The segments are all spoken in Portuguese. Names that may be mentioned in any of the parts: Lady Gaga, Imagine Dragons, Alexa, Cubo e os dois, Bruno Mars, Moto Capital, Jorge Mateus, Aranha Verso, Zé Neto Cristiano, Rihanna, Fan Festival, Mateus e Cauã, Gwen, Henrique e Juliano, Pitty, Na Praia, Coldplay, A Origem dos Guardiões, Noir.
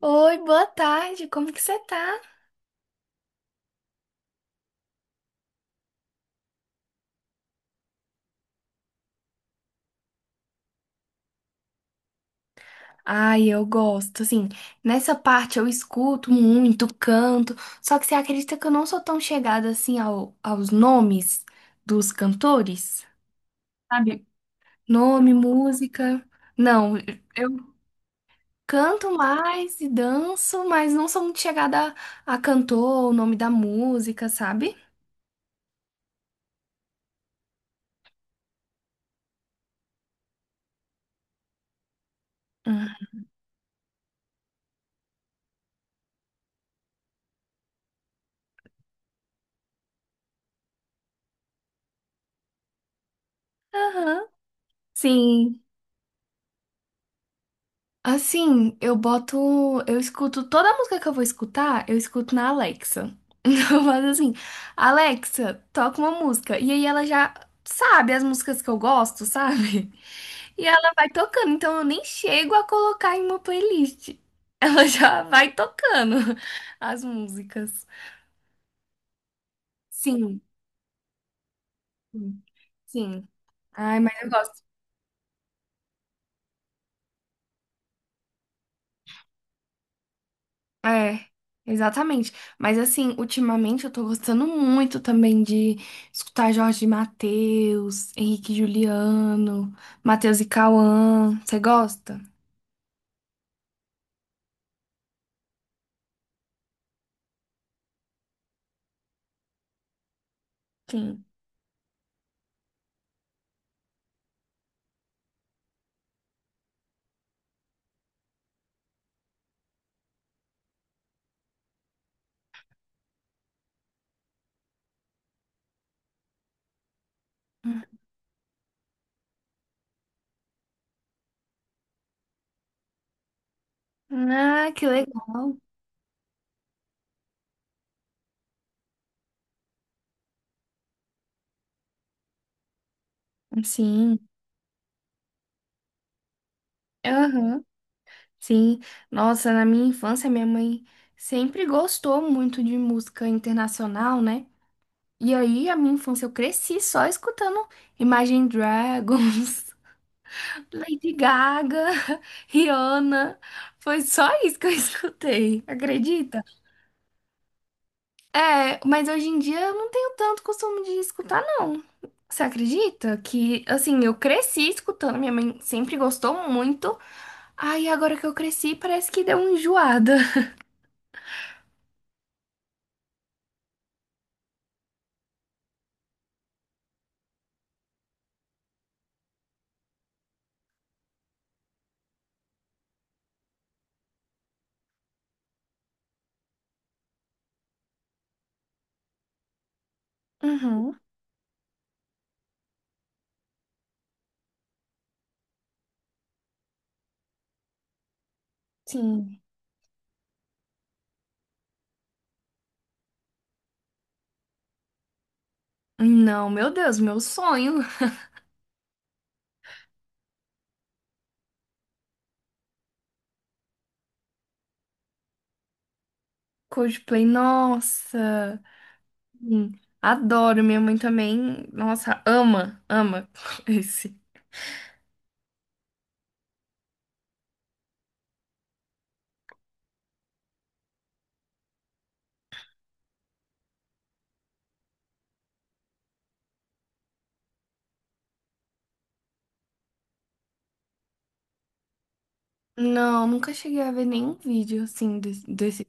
Oi, boa tarde, como que você tá? Ai, eu gosto, assim, nessa parte eu escuto muito, canto, só que você acredita que eu não sou tão chegada assim aos nomes dos cantores? Sabe? Nome, música. Não, eu canto mais e danço, mas não sou muito chegada a cantor, o nome da música, sabe? Hum. Aham. Sim. Assim, eu boto. Eu escuto toda a música que eu vou escutar, eu escuto na Alexa. Então eu faço assim, Alexa, toca uma música. E aí ela já sabe as músicas que eu gosto, sabe? E ela vai tocando, então eu nem chego a colocar em uma playlist. Ela já vai tocando as músicas. Sim, sim, sim. Ai, mas eu gosto. É, exatamente. Mas assim, ultimamente eu tô gostando muito também de escutar Jorge Mateus, Henrique e Juliano, Mateus e Cauã. Você gosta? Sim. Ah, que legal. Sim. Aham. Sim. Nossa, na minha infância, minha mãe sempre gostou muito de música internacional, né? E aí, a minha infância, eu cresci só escutando Imagine Dragons. Lady Gaga, Rihanna, foi só isso que eu escutei, acredita? É, mas hoje em dia eu não tenho tanto costume de escutar, não. Você acredita que, assim, eu cresci escutando, minha mãe sempre gostou muito, aí agora que eu cresci parece que deu uma enjoada. Uhum, sim. Não, meu Deus, meu sonho. Coldplay, nossa, sim, adoro, minha mãe também, nossa, ama, ama esse. Não, nunca cheguei a ver nenhum vídeo assim desse.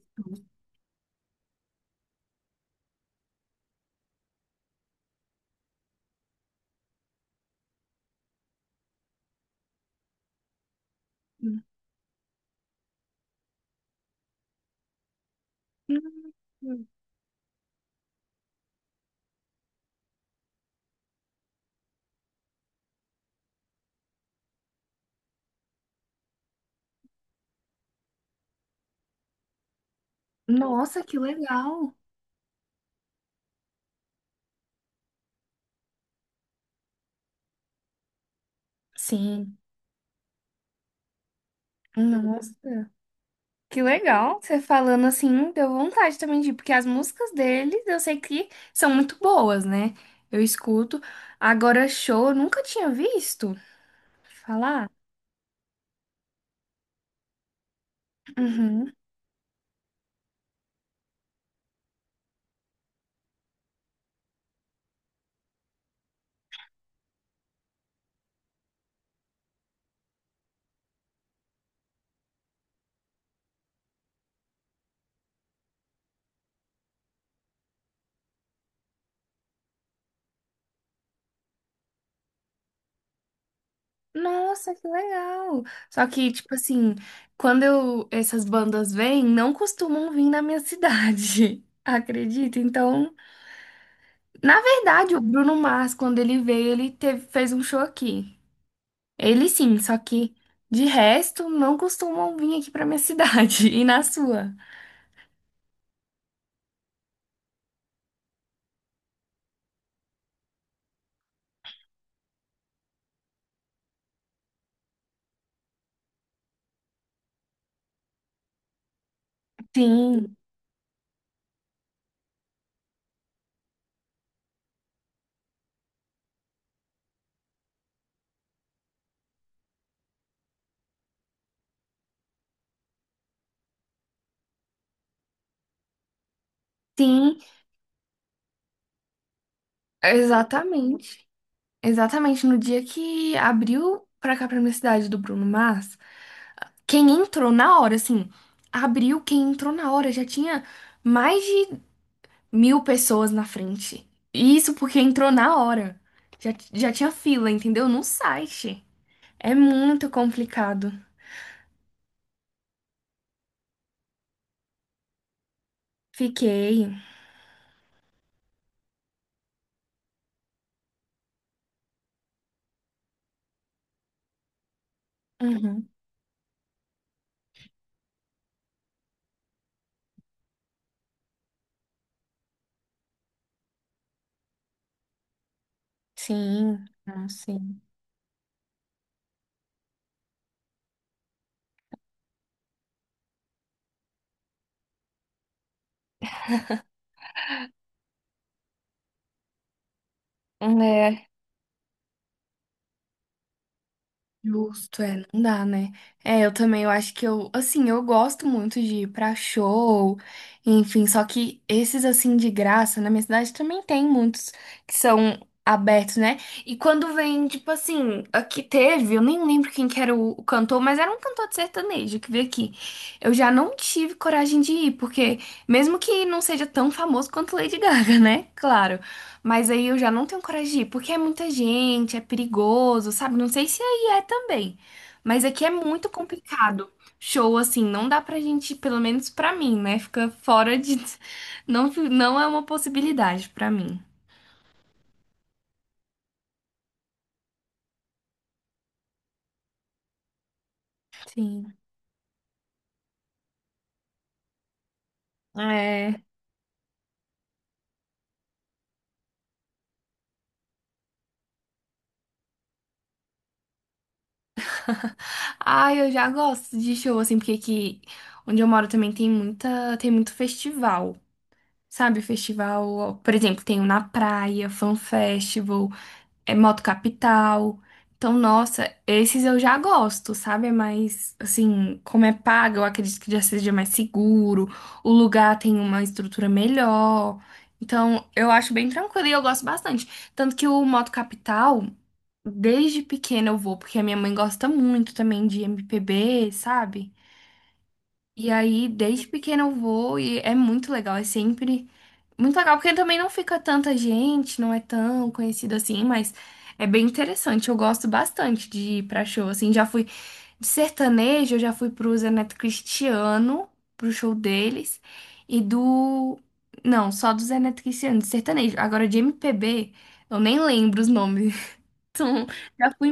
Hum. Nossa, que legal! Sim, nossa. Que legal, você falando assim, deu vontade também de ir, porque as músicas deles eu sei que são muito boas, né? Eu escuto. Agora, show, eu nunca tinha visto falar. Uhum. Nossa, que legal! Só que, tipo assim, quando eu, essas bandas vêm, não costumam vir na minha cidade, acredita? Então. Na verdade, o Bruno Mars, quando ele veio, ele fez um show aqui. Ele sim, só que de resto não costumam vir aqui pra minha cidade e na sua. Sim, sim, exatamente. Exatamente no dia que abriu pra cá pra minha cidade do Bruno Mars, quem entrou na hora, assim, abriu, quem entrou na hora já tinha mais de mil pessoas na frente. E isso porque entrou na hora. Já tinha fila, entendeu? No site. É muito complicado. Fiquei. Uhum. Sim, ah, sim. É, justo, é, não dá, né? É, eu também, eu acho que eu, assim, eu gosto muito de ir pra show, enfim, só que esses, assim, de graça, na minha cidade também tem muitos que são abertos, né? E quando vem, tipo assim, aqui teve, eu nem lembro quem que era o cantor, mas era um cantor de sertanejo que veio aqui. Eu já não tive coragem de ir, porque mesmo que não seja tão famoso quanto Lady Gaga, né? Claro. Mas aí eu já não tenho coragem de ir, porque é muita gente, é perigoso, sabe? Não sei se é e é também. Mas aqui é muito complicado. Show, assim, não dá pra gente, pelo menos pra mim, né? Fica fora de. Não, não é uma possibilidade pra mim. Sim. É. Ai, eu já gosto de show, assim, porque aqui onde eu moro também tem muita, tem muito festival. Sabe, festival, por exemplo, tem o Na Praia, Fan Festival. É Moto Capital. Então, nossa, esses eu já gosto, sabe? Mas, assim, como é pago, eu acredito que já seja mais seguro, o lugar tem uma estrutura melhor. Então, eu acho bem tranquilo e eu gosto bastante. Tanto que o Moto Capital, desde pequena eu vou, porque a minha mãe gosta muito também de MPB, sabe? E aí, desde pequena eu vou e é muito legal, é sempre. Muito legal, porque também não fica tanta gente, não é tão conhecido assim, mas é bem interessante. Eu gosto bastante de ir pra show, assim. Já fui de sertanejo, eu já fui pro Zé Neto Cristiano, pro show deles, e do. Não, só do Zé Neto Cristiano, de sertanejo. Agora, de MPB, eu nem lembro os nomes. Então, já fui.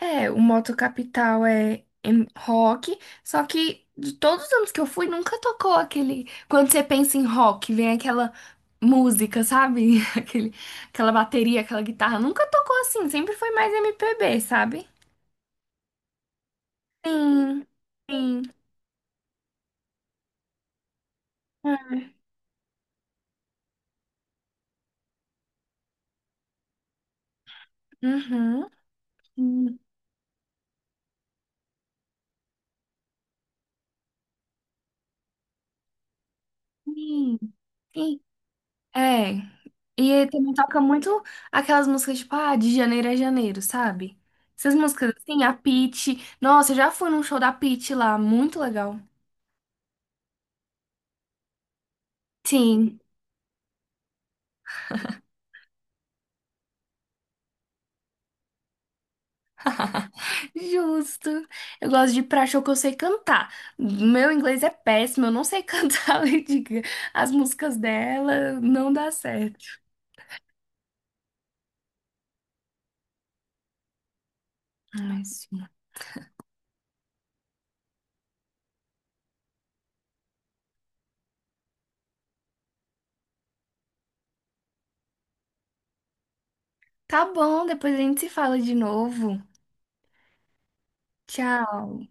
É, o Moto Capital é em rock, só que de todos os anos que eu fui, nunca tocou aquele. Quando você pensa em rock, vem aquela música, sabe? Aquela bateria, aquela guitarra. Nunca tocou assim, sempre foi mais MPB, sabe? Sim, sim. Uhum. Sim, sim. É. E ele também toca muito aquelas músicas tipo, ah, de janeiro a janeiro, sabe? Essas músicas assim, a Pitty. Nossa, eu já fui num show da Pitty lá, muito legal. Sim, justo. Eu gosto de ir pra show que eu sei cantar. Meu inglês é péssimo, eu não sei cantar a Lady Gaga. As músicas dela não dá certo. Mas, sim. Tá bom, depois a gente se fala de novo. Tchau.